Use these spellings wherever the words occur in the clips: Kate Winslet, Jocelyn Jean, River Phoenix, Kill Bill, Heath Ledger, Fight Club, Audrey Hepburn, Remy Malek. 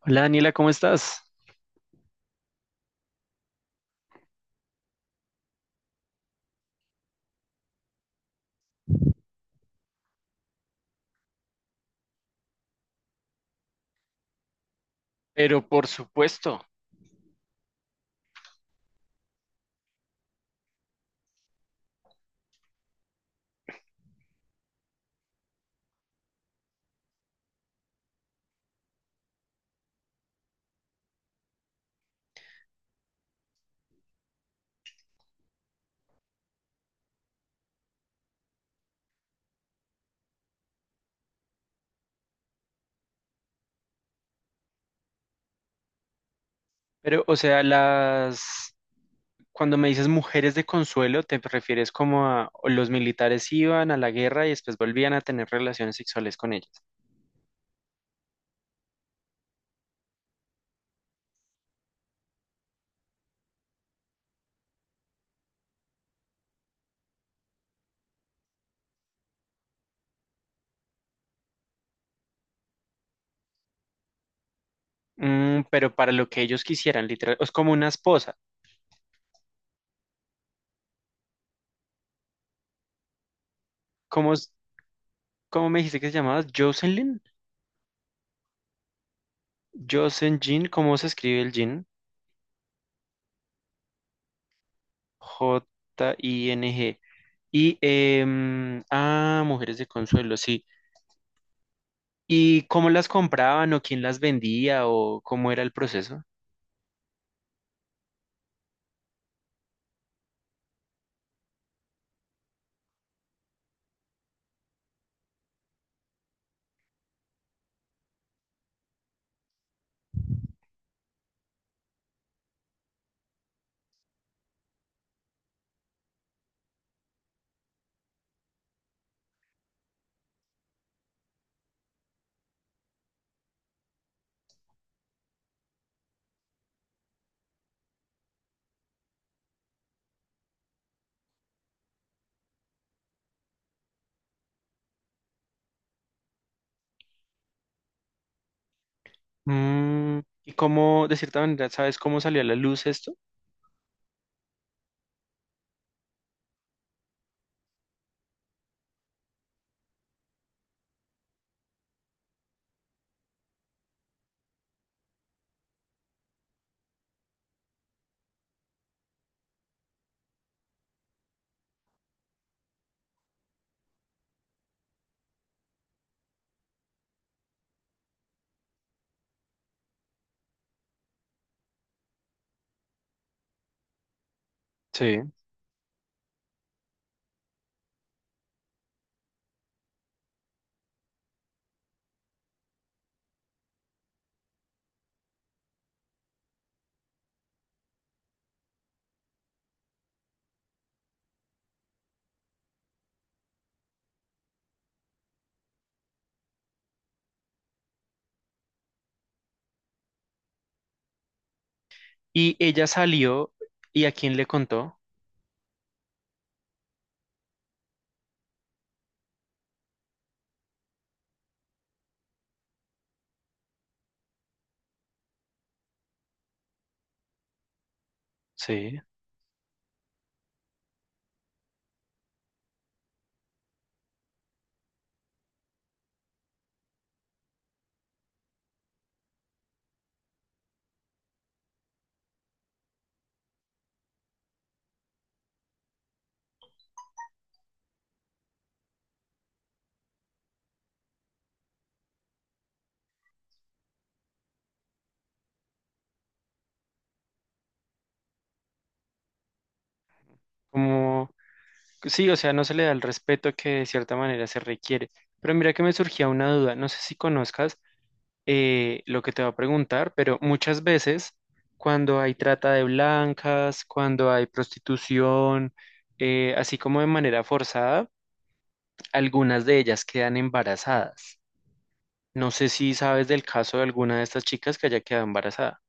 Hola Daniela, ¿cómo estás? Pero por supuesto. Pero o sea, las cuando me dices mujeres de consuelo, te refieres como a o los militares iban a la guerra y después volvían a tener relaciones sexuales con ellas. Mm, pero para lo que ellos quisieran, literal, es como una esposa. ¿Cómo, cómo me dijiste que se llamaba? ¿Jocelyn? Jocelyn Jean, ¿cómo se escribe el Jean? Jing. Y, mujeres de consuelo, sí. ¿Y cómo las compraban o quién las vendía o cómo era el proceso? Mm, ¿y cómo, de cierta manera, sabes cómo salió a la luz esto? Sí. Y ella salió, y ¿a quién le contó? Sí. Como, sí, o sea, no se le da el respeto que de cierta manera se requiere. Pero mira que me surgía una duda, no sé si conozcas lo que te va a preguntar, pero muchas veces cuando hay trata de blancas, cuando hay prostitución, así como de manera forzada, algunas de ellas quedan embarazadas. No sé si sabes del caso de alguna de estas chicas que haya quedado embarazada.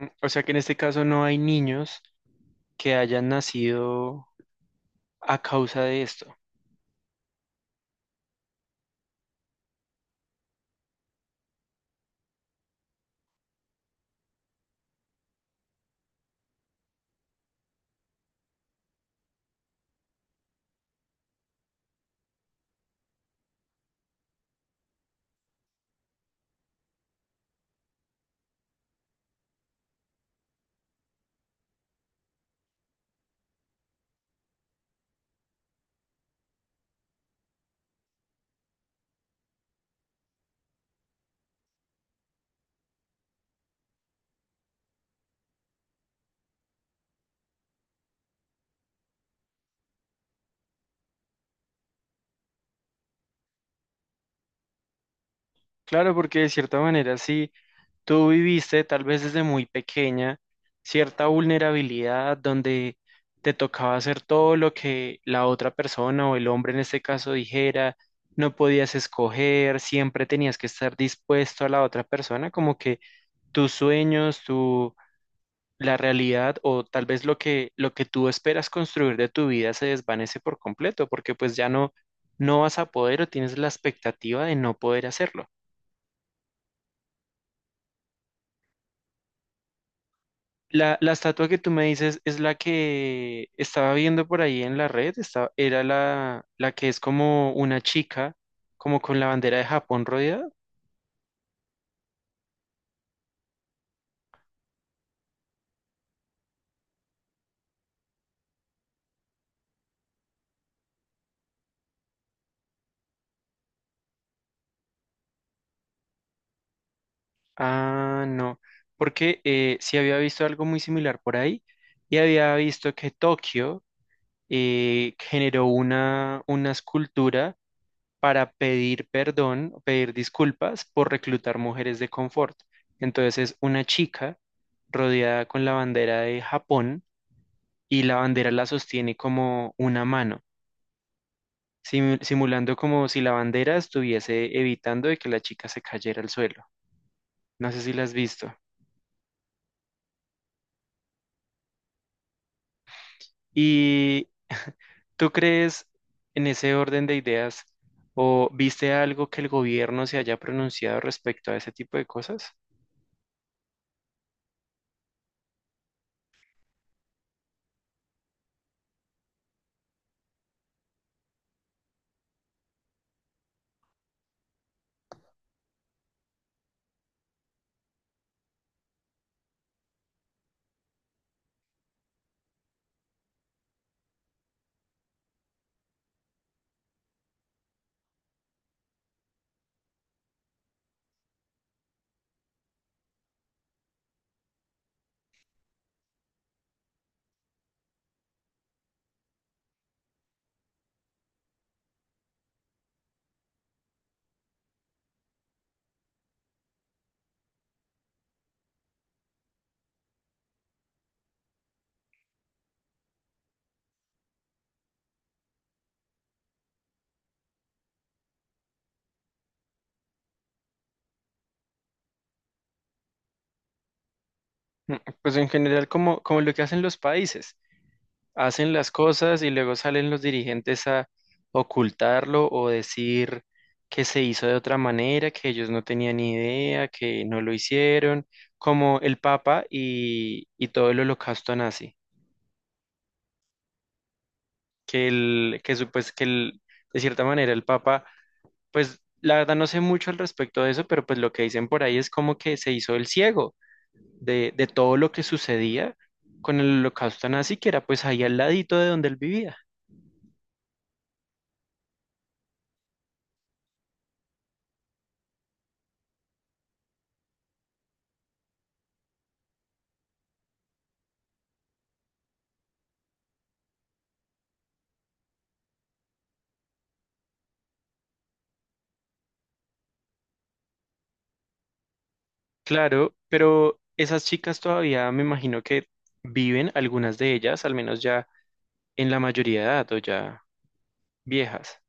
Mm, o sea que en este caso no hay niños que hayan nacido a causa de esto. Claro, porque de cierta manera sí. Tú viviste tal vez desde muy pequeña cierta vulnerabilidad donde te tocaba hacer todo lo que la otra persona o el hombre en este caso dijera, no podías escoger, siempre tenías que estar dispuesto a la otra persona, como que tus sueños, tu la realidad o tal vez lo que tú esperas construir de tu vida se desvanece por completo, porque pues ya no vas a poder o tienes la expectativa de no poder hacerlo. La estatua que tú me dices es la que estaba viendo por ahí en la red, era la que es como una chica, como con la bandera de Japón rodeada. Ah, no, porque sí había visto algo muy similar por ahí y había visto que Tokio generó una escultura para pedir perdón, pedir disculpas por reclutar mujeres de confort. Entonces es una chica rodeada con la bandera de Japón y la bandera la sostiene como una mano, simulando como si la bandera estuviese evitando de que la chica se cayera al suelo. No sé si la has visto. ¿Y tú crees, en ese orden de ideas, o viste algo que el gobierno se haya pronunciado respecto a ese tipo de cosas? Mm, pues en general, como, como lo que hacen los países, hacen las cosas y luego salen los dirigentes a ocultarlo o decir que se hizo de otra manera, que ellos no tenían ni idea, que no lo hicieron, como el Papa y todo el holocausto nazi, que, el, que, supues- que el- de cierta manera el Papa. Pues la verdad no sé mucho al respecto de eso, pero pues lo que dicen por ahí es como que se hizo el ciego de todo lo que sucedía con el holocausto nazi, que era pues ahí al ladito de donde él vivía. Claro, pero esas chicas todavía me imagino que viven, algunas de ellas, al menos ya en la mayoría de edad o ya viejas.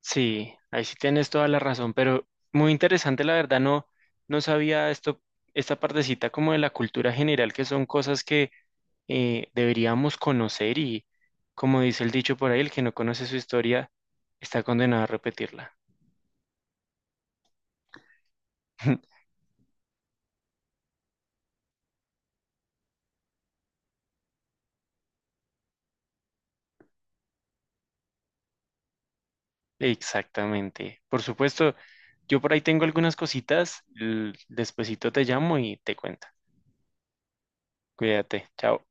Sí, ahí sí tienes toda la razón, pero muy interesante, la verdad. No, no sabía esto, esta partecita como de la cultura general, que son cosas que deberíamos conocer y, como dice el dicho por ahí, el que no conoce su historia está condenado a repetirla. Exactamente. Por supuesto, yo por ahí tengo algunas cositas, despuesito te llamo y te cuento. Cuídate, chao.